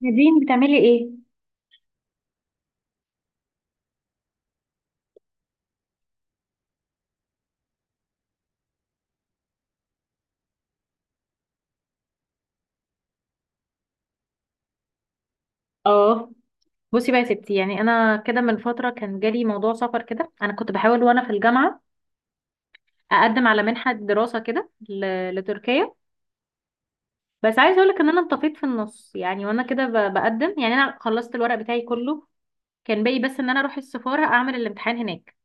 نادين، بتعملي ايه؟ اه. بصي بقى يا ستي، يعني انا كده من فتره كان جالي موضوع سفر كده، انا كنت بحاول وانا في الجامعه اقدم على منحه دراسه كده لتركيا. بس عايزه اقولك ان انا انطفيت في النص، يعني وانا كده بقدم. يعني انا خلصت الورق بتاعي كله، كان باقي بس ان انا اروح السفاره اعمل الامتحان هناك.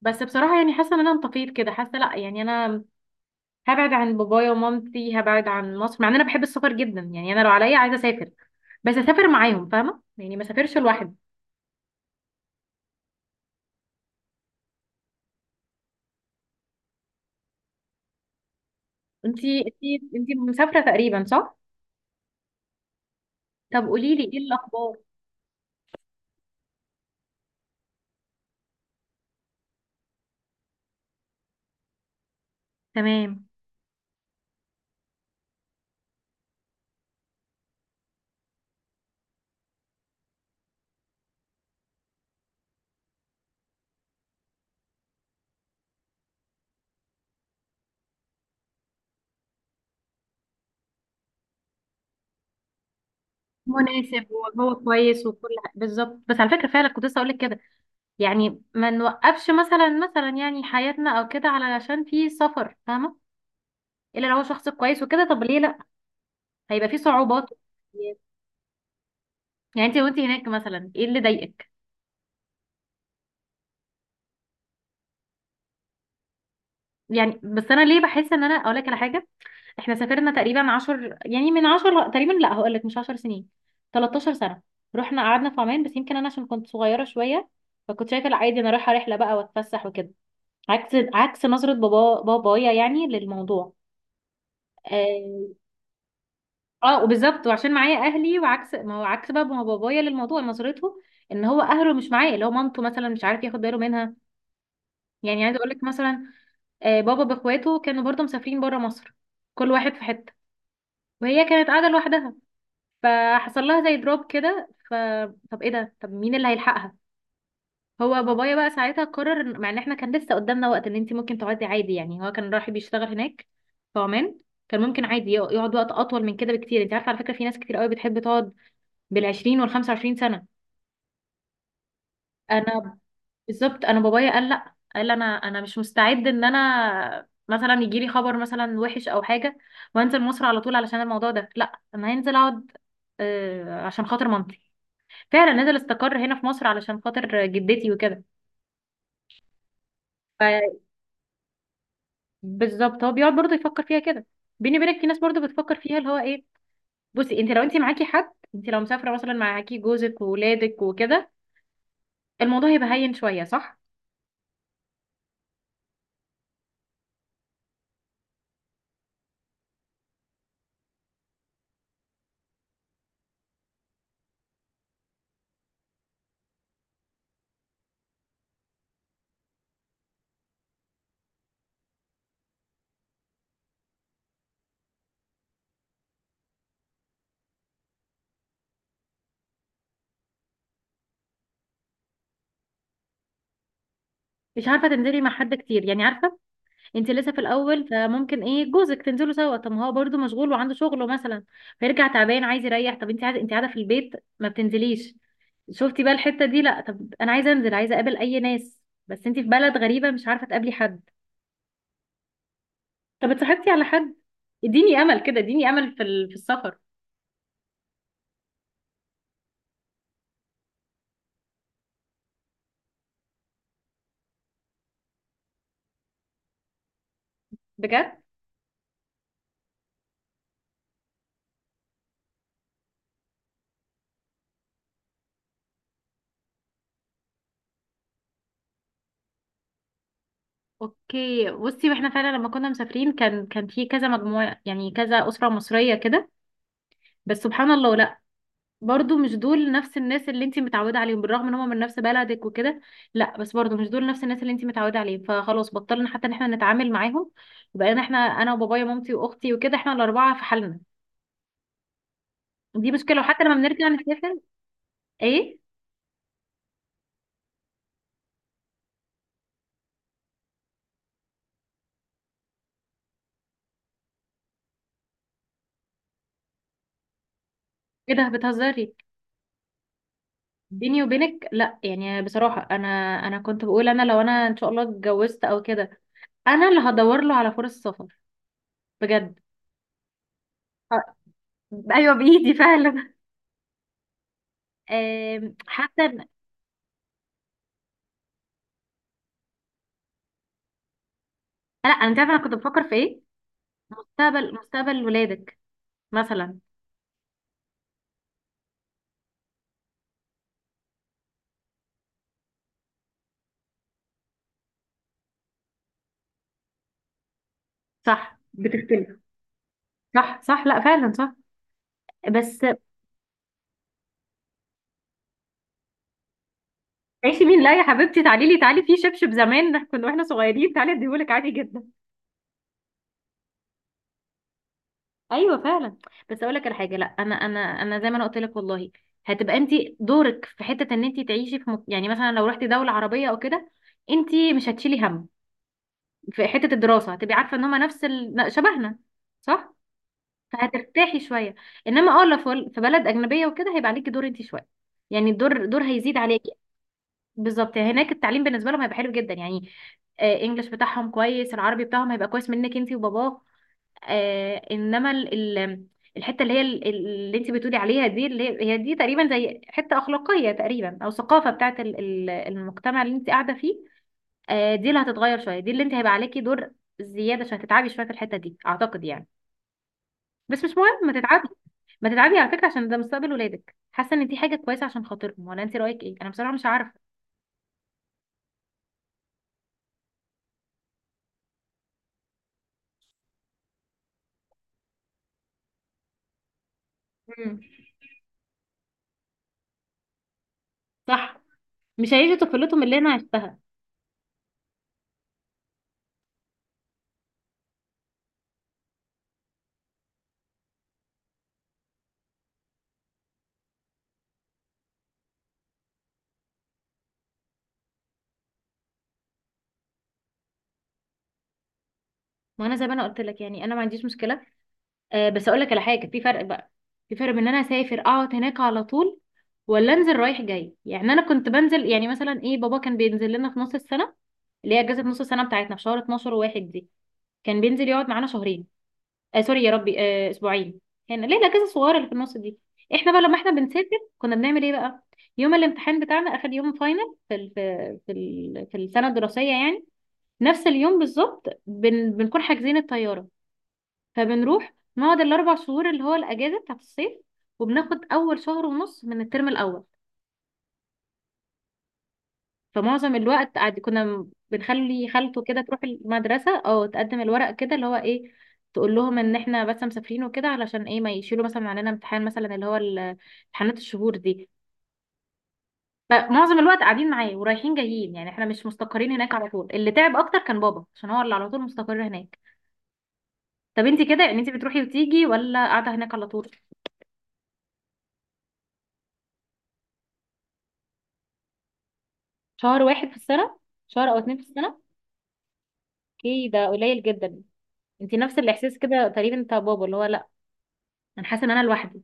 بس بصراحه يعني حاسه ان انا انطفيت كده، حاسه لا يعني انا هبعد عن بابايا ومامتي، هبعد عن مصر، مع ان انا بحب السفر جدا. يعني انا لو عليا عايزه اسافر، بس اسافر معاهم فاهمه؟ يعني ما اسافرش لوحدي. انتي مسافرة تقريبا، صح؟ طب قولي لي ايه الأخبار؟ تمام. مناسب. وهو كويس وكل حاجة بالظبط، بس على فكرة فعلا كنت لسه هقولك كده. يعني ما نوقفش مثلا يعني حياتنا او كده علشان في سفر، فاهمة؟ الا لو هو شخص كويس وكده، طب ليه لا؟ هيبقى في صعوبات. يعني انتي وانتي هناك مثلا ايه اللي ضايقك؟ يعني بس انا ليه بحس ان انا اقولك على حاجة. احنا سافرنا تقريبا عشر، يعني من عشر تقريبا، لا هقول لك مش 10 سنين، 13 سنة. رحنا قعدنا في عمان، بس يمكن انا عشان كنت صغيرة شوية، فكنت شايفة لا عادي انا رايحة رحلة بقى واتفسح وكده. عكس نظرة بابايا يعني للموضوع. اه. وبالظبط وعشان معايا اهلي، وعكس ما هو عكس بقى ما بابايا للموضوع نظرته، ان هو اهله مش معاه، اللي هو مامته مثلا مش عارف ياخد باله منها. يعني عايزه اقول لك مثلا، بابا باخواته كانوا برضه مسافرين بره مصر، كل واحد في حته، وهي كانت قاعده لوحدها، فحصل لها زي دروب كده. ف طب ايه ده، طب مين اللي هيلحقها؟ هو بابايا بقى ساعتها قرر مع ان احنا كان لسه قدامنا وقت ان انت ممكن تقعدي عادي. يعني هو كان رايح بيشتغل هناك في عمان، كان ممكن عادي يقعد وقت اطول من كده بكتير. انت عارفه على فكره في ناس كتير قوي بتحب تقعد بال20 وال25 سنه. انا بالظبط، انا بابايا قال لا، قال انا مش مستعد ان انا مثلا يجي لي خبر مثلا وحش او حاجه وانزل مصر على طول. علشان الموضوع ده، لا انا هنزل اقعد عشان خاطر مامتي. فعلا نزل استقر هنا في مصر علشان خاطر جدتي وكده. فبالظبط هو بيقعد برضه يفكر فيها كده. بيني وبينك في ناس برضه بتفكر فيها اللي هو ايه. بصي انت لو انت معاكي حد، انت لو مسافره مثلا معاكي جوزك وولادك وكده الموضوع هيبقى هين شويه، صح؟ مش عارفه تنزلي مع حد كتير، يعني عارفه. انت لسه في الاول فممكن ايه جوزك تنزلوا سوا، طب ما هو برضه مشغول وعنده شغله مثلا، فيرجع تعبان عايز يريح. طب انت عايزه، انت قاعده في البيت، ما بتنزليش. شفتي بقى الحته دي؟ لا طب انا عايزه انزل، عايزه اقابل اي ناس، بس انت في بلد غريبه مش عارفه تقابلي حد. طب اتصاحبتي على حد؟ اديني امل كده، اديني امل في في السفر. بجد. اوكي بصي، واحنا فعلا لما كنا مسافرين كان في كذا مجموعه، يعني كذا اسره مصريه كده، بس سبحان الله لا، برضو مش دول نفس الناس اللي انت متعوده عليهم بالرغم ان هم من نفس بلدك وكده. لا بس برضو مش دول نفس الناس اللي انت متعوده عليهم، فخلاص بطلنا حتى ان احنا نتعامل معاهم. بقينا احنا، انا وبابايا ومامتي واختي وكده، احنا الاربعه في حالنا. دي مشكله، وحتى لما بنرجع نسافر. ايه؟ ايه ده، بتهزري؟ بيني وبينك لا، يعني بصراحة انا، انا كنت بقول انا لو انا ان شاء الله اتجوزت او كده، انا اللي هدور له على فرص سفر بجد. آه. ايوه بايدي فعلا. آم، حتى إن- لا انا تعرف انا كنت بفكر في ايه؟ مستقبل ولادك مثلا. صح بتختلف. صح، صح، لا فعلا، صح. بس عيشي مين لا يا حبيبتي، تعالي لي، تعالي في شبشب زمان كنا واحنا صغيرين تعالي اديهولك عادي جدا. ايوه فعلا. بس اقول لك على حاجه، لا انا زي ما انا قلت لك والله، هتبقى انت دورك في حته ان انت تعيشي في يعني مثلا لو رحتي دوله عربيه او كده، انت مش هتشيلي هم. في حته الدراسه هتبقي عارفه ان هما نفس شبهنا، صح؟ فهترتاحي شويه. انما اه لو في بلد اجنبيه وكده هيبقى عليكي دور انت شويه. يعني الدور هيزيد عليكي. بالظبط، هناك التعليم بالنسبه لهم هيبقى حلو جدا يعني. انجلش بتاعهم كويس، العربي بتاعهم هيبقى كويس منك انت وباباك. انما الحته اللي هي اللي انت بتقولي عليها دي، اللي هي دي تقريبا زي حته اخلاقيه تقريبا او ثقافه بتاعت المجتمع اللي انت قاعده فيه. دي اللي هتتغير شويه، دي اللي انت هيبقى عليكي دور زياده، عشان هتتعبي شويه في الحته دي اعتقد يعني. بس مش مهم ما تتعبي، ما تتعبي على فكره، عشان ده مستقبل ولادك. حاسه ان دي حاجه كويسه عشان خاطرهم، ولا انت رايك ايه؟ انا بصراحه مش عارفه. مم. صح. مش هيعيشوا طفولتهم اللي انا عشتها. ما انا زي ما انا قلت لك، يعني انا ما عنديش مشكله. بس اقول لك على حاجه، في فرق بقى، في فرق بين ان انا اسافر اقعد هناك على طول، ولا انزل رايح جاي. يعني انا كنت بنزل، يعني مثلا ايه، بابا كان بينزل لنا في نص السنه، اللي هي اجازه نص السنه بتاعتنا في شهر 12 وواحد دي. كان بينزل يقعد معانا شهرين. سوري يا ربي، اسبوعين. هنا ليه الاجازه الصغيره اللي في النص دي. احنا بقى لما احنا بنسافر كنا بنعمل ايه بقى، يوم الامتحان بتاعنا اخر يوم فاينل في السنه الدراسيه، يعني نفس اليوم بالظبط بنكون حاجزين الطياره، فبنروح نقعد الاربع شهور اللي هو الاجازه بتاعت الصيف، وبناخد اول شهر ونص من الترم الاول. فمعظم الوقت عادي كنا بنخلي خالته كده تروح المدرسه او تقدم الورق كده اللي هو ايه، تقول لهم ان احنا بس مسافرين وكده، علشان ايه ما يشيلوا مثلا علينا امتحان مثلا اللي هو امتحانات الشهور دي. فمعظم الوقت قاعدين معاه ورايحين جايين، يعني احنا مش مستقرين هناك على طول. اللي تعب اكتر كان بابا عشان هو اللي على طول مستقر هناك. طب انت كده، يعني انت بتروحي وتيجي ولا قاعده هناك على طول؟ شهر واحد في السنه؟ شهر او اتنين في السنه. اوكي ده قليل جدا. انت نفس الاحساس كده تقريبا بتاع بابا اللي هو لا، انا حاسه ان انا لوحدي.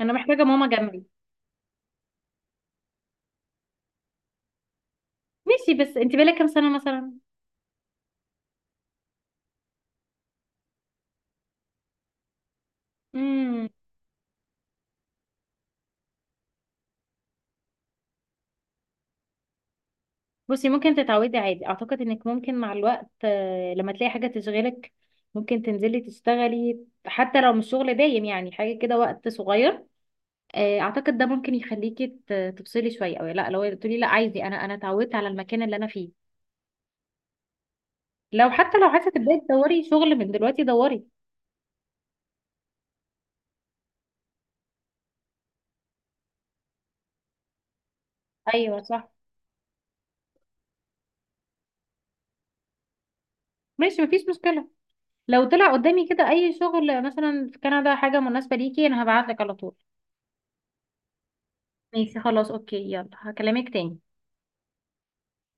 انا محتاجه ماما جنبي. ماشي، بس انت بقالك كام سنه مثلا؟ امم. بصي ممكن تتعودي عادي، اعتقد انك ممكن مع الوقت لما تلاقي حاجه تشغلك. ممكن تنزلي تشتغلي حتى لو مش شغل دايم، يعني حاجه كده وقت صغير. اعتقد ده ممكن يخليكي تفصلي شويه، او لا لو تقولي لا عايزه، انا اتعودت على المكان اللي انا فيه. لو حتى لو عايزه تبداي تدوري شغل من دلوقتي دوري. ايوه صح. ماشي، مفيش مشكله، لو طلع قدامي كده اي شغل مثلا في كندا حاجة مناسبة ليكي انا هبعتلك على طول. ماشي خلاص، اوكي، يلا هكلمك تاني.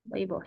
باي باي.